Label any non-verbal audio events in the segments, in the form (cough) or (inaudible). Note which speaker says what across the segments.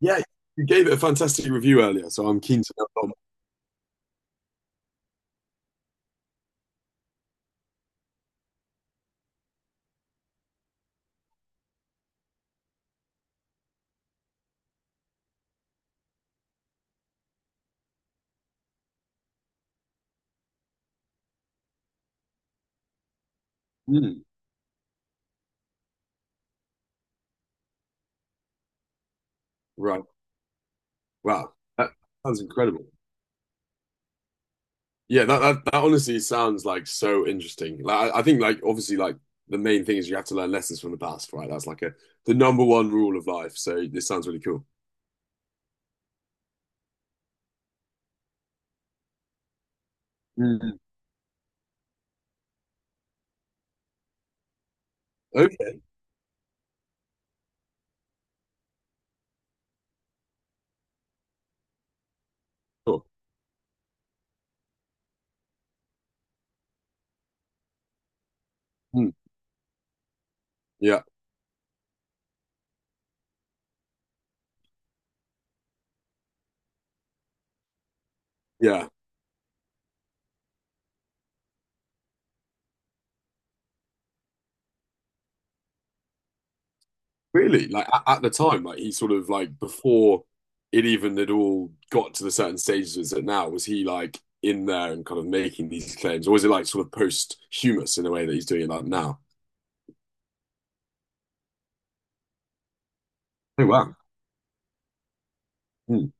Speaker 1: Yeah, you gave it a fantastic review earlier, so I'm keen to know. Hmm, right. Wow. That sounds incredible. Yeah, that honestly sounds like so interesting. Like I think like obviously like the main thing is you have to learn lessons from the past, right? That's like a the number one rule of life. So this sounds really cool. Hmm. Okay, cool. Hmm. Yeah, yeah. Really? Like at the time, like he sort of like before it even had all got to the certain stages it's at now, was he like in there and kind of making these claims, or was it like sort of posthumous in a way that he's doing it like now? Oh wow. Hmm.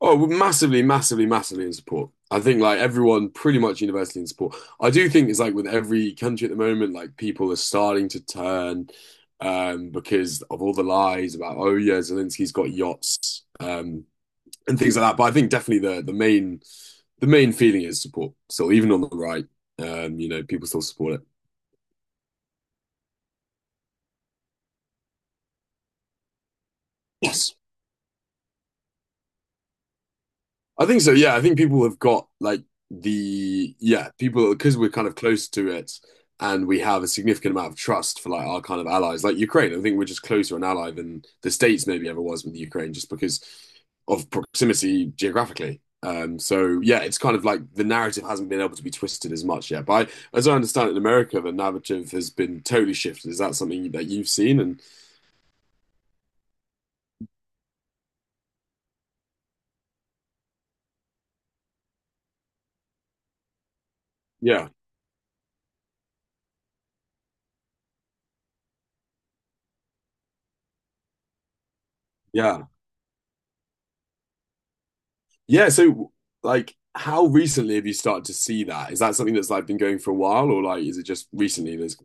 Speaker 1: Oh, well, massively, massively, massively in support. I think like everyone pretty much universally in support. I do think it's like with every country at the moment, like people are starting to turn, because of all the lies about, oh yeah, Zelensky's got yachts. And things like that. But I think definitely the main feeling is support. So even on the right, you know, people still support it. Yes. I think so. Yeah, I think people have got like the people because we're kind of close to it, and we have a significant amount of trust for like our kind of allies, like Ukraine. I think we're just closer an ally than the States maybe ever was with Ukraine, just because of proximity geographically. So yeah, it's kind of like the narrative hasn't been able to be twisted as much yet. As I understand it, in America, the narrative has been totally shifted. Is that something that you've seen? And yeah, yeah. Yeah, so like how recently have you started to see that? Is that something that's like been going for a while, or like is it just recently that's?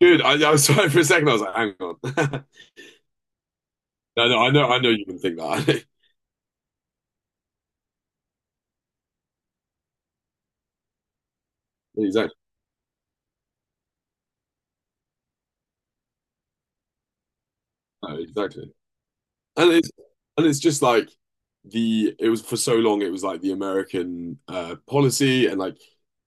Speaker 1: Dude, I was (laughs) sorry for a second, I was like, hang on. (laughs) No, no, I know you can think that. (laughs) Exactly. No, exactly. And it's and it's just like the. It was for so long, it was like the American policy. And like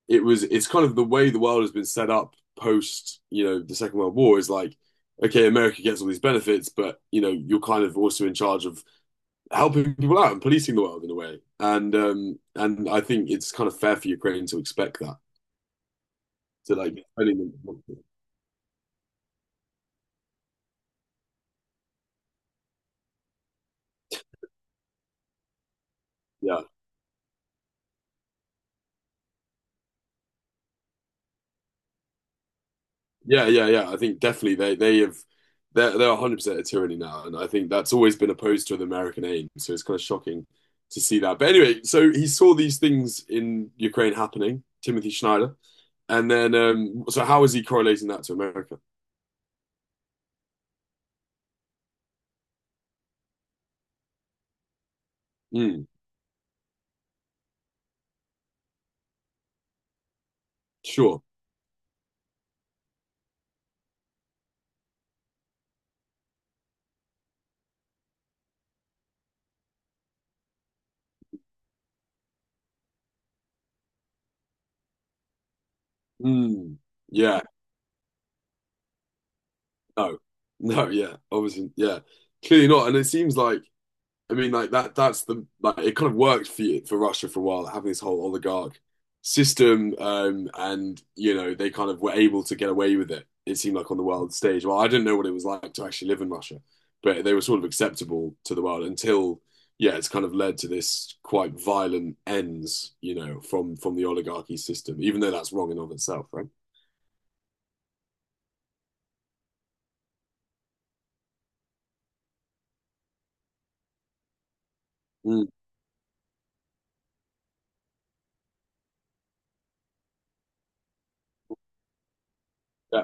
Speaker 1: it was, it's kind of the way the world has been set up post, you know, the Second World War is like, okay, America gets all these benefits, but you know, you're kind of also in charge of helping people out and policing the world in a way. And I think it's kind of fair for Ukraine to expect that, to like, yeah yeah, yeah. I think definitely they have they're 100% a tyranny now, and I think that's always been opposed to an American aim. So it's kind of shocking to see that. But anyway, so he saw these things in Ukraine happening, Timothy Schneider, and then so how is he correlating that to America? Mm, sure. Mm, yeah. No, (laughs) no, yeah, obviously, yeah, clearly not. And it seems like, I mean, like that's the, like, it kind of worked for you, for Russia for a while, like having this whole oligarch system. And, you know, they kind of were able to get away with it, it seemed like on the world stage. Well, I didn't know what it was like to actually live in Russia, but they were sort of acceptable to the world until, yeah, it's kind of led to this quite violent ends, you know, from the oligarchy system, even though that's wrong in and of itself, right? Mm, yeah.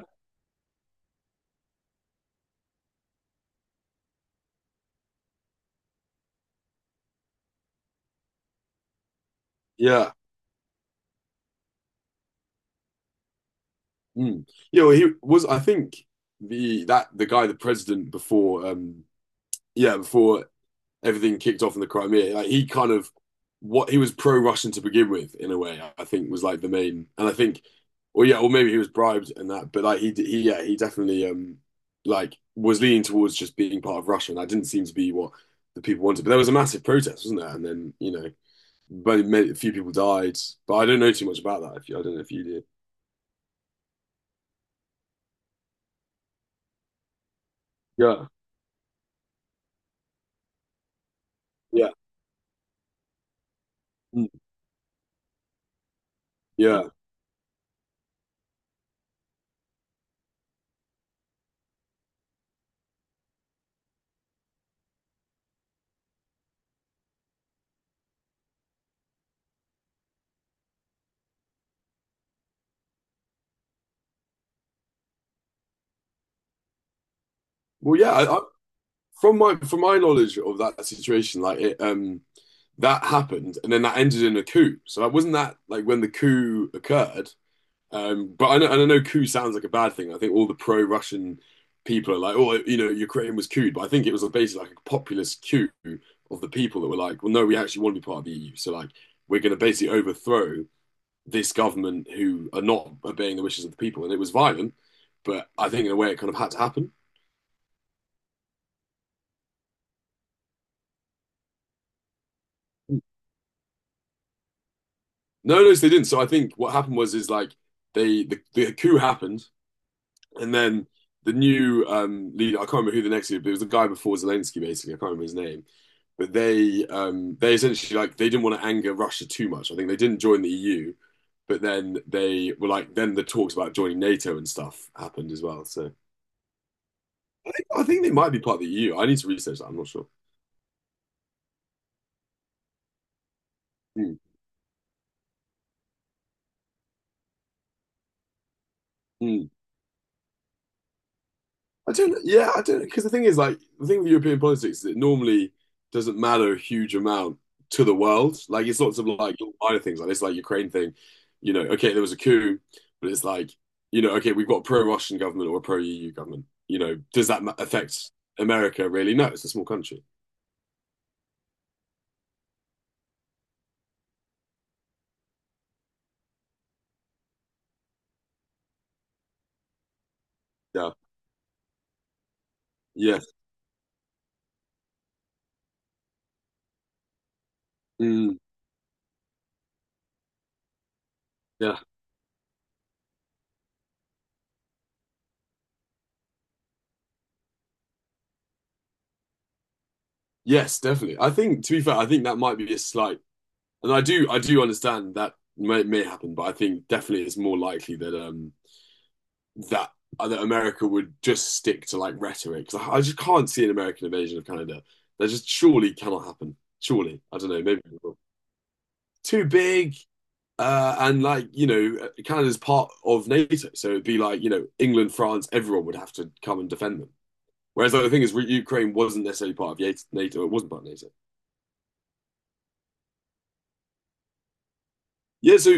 Speaker 1: Yeah, Mm. Yeah, well, he was. I think the that the guy, the president before, yeah, before everything kicked off in the Crimea, like he kind of what, he was pro-Russian to begin with, in a way. I think was like the main, and I think, or yeah, or maybe he was bribed and that, but like he, yeah, he definitely, like was leaning towards just being part of Russia, and that didn't seem to be what the people wanted. But there was a massive protest, wasn't there? And then you know, very many, a few people died, but I don't know too much about that. If you, I don't know if you did. Yeah. Yeah. Mm. Yeah. Well, yeah, from my knowledge of that situation, like it, that happened, and then that ended in a coup. So it wasn't that, like when the coup occurred. But I know, and I know coup sounds like a bad thing. I think all the pro-Russian people are like, oh, you know, Ukraine was couped, but I think it was basically like a populist coup of the people that were like, well, no, we actually want to be part of the EU. So like, we're going to basically overthrow this government who are not obeying the wishes of the people, and it was violent. But I think in a way, it kind of had to happen. No, no, so they didn't. So I think what happened was is like the coup happened, and then the new leader. I can't remember who the next leader, but it was the guy before Zelensky. Basically, I can't remember his name. But they essentially like they didn't want to anger Russia too much. I think they didn't join the EU, but then they were like then the talks about joining NATO and stuff happened as well. So I think they might be part of the EU. I need to research that. I'm not sure. Mm, mm. I don't. Yeah, I don't. Because the thing is, like, the thing with European politics is it normally doesn't matter a huge amount to the world. Like, it's lots of like little minor things like this, like Ukraine thing. You know, okay, there was a coup, but it's like, you know, okay, we've got a pro-Russian government or a pro-EU government. You know, does that affect America really? No, it's a small country. Yeah. Yes. Mm, yeah. Yes, definitely. I think, to be fair, I think that might be a slight, and I do understand that may happen, but I think definitely it's more likely that that that America would just stick to like rhetoric. 'Cause I just can't see an American invasion of Canada. That just surely cannot happen. Surely, I don't know. Maybe it will. Too big, and like you know, Canada's part of NATO, so it'd be like you know, England, France, everyone would have to come and defend them. Whereas like, the thing is, Ukraine wasn't necessarily part of NATO. It wasn't part of NATO. Yeah, so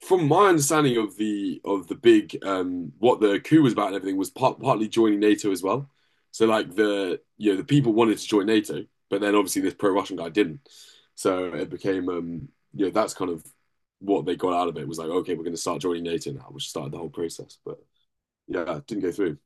Speaker 1: from my understanding of the big what the coup was about and everything was partly joining NATO as well. So like the you know the people wanted to join NATO, but then obviously this pro-Russian guy didn't. So it became you know that's kind of what they got out of it was like okay we're going to start joining NATO now, which started the whole process. But yeah, it didn't go through.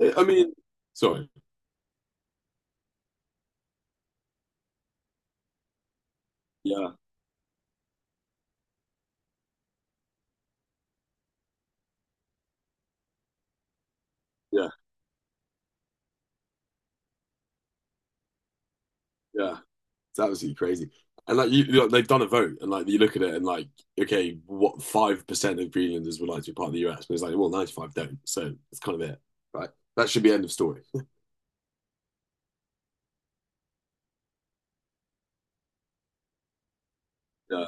Speaker 1: I I mean, sorry. Yeah, yeah, yeah. It's absolutely crazy. You know, they've done a vote, and like you look at it, and like, okay, what 5% of Greenlanders would like to be part of the US? But it's like, well, 95 don't. So it's kind of it, right? That should be end of story. Yeah.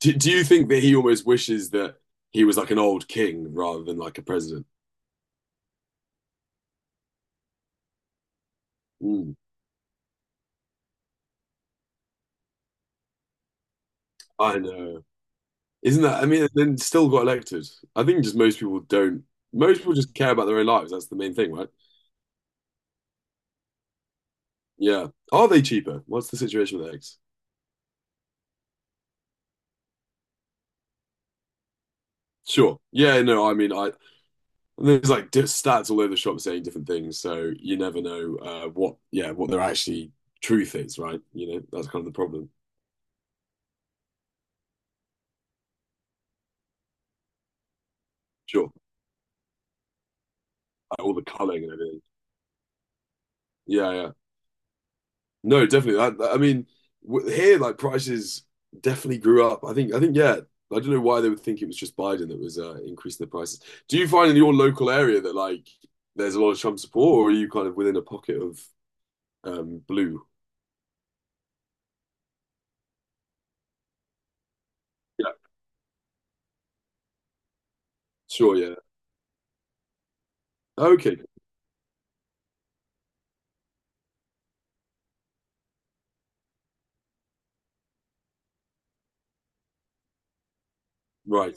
Speaker 1: Do you think that he almost wishes that he was like an old king rather than like a president? Mm, I know. Isn't that? I mean, and then still got elected. I think just most people don't. Most people just care about their own lives. That's the main thing, right? Yeah. Are they cheaper? What's the situation with eggs? Sure. Yeah. No. I mean, I there's like stats all over the shop saying different things, so you never know, what yeah what their actually truth is, right? You know that's kind of the problem. Sure, like, all the culling and everything. Yeah, yeah. No, definitely. I mean, w here like prices definitely grew up. I think, yeah. I don't know why they would think it was just Biden that was, increasing the prices. Do you find in your local area that like there's a lot of Trump support, or are you kind of within a pocket of, blue? Yeah, sure. Yeah. Okay. Right.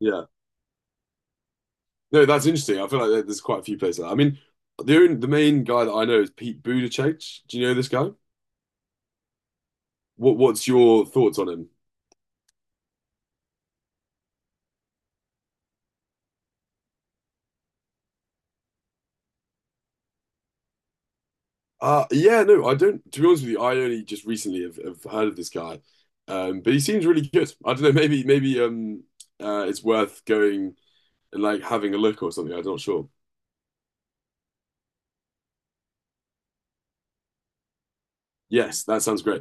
Speaker 1: Yeah. No, that's interesting. I feel like there's quite a few places. I mean, the only, the main guy that I know is Pete Buttigieg. Do you know this guy? What what's your thoughts on him? Yeah, no, I don't. To be honest with you, I only just recently have heard of this guy, but he seems really good. I don't know. Maybe it's worth going and like having a look or something. I'm not sure. Yes, that sounds great.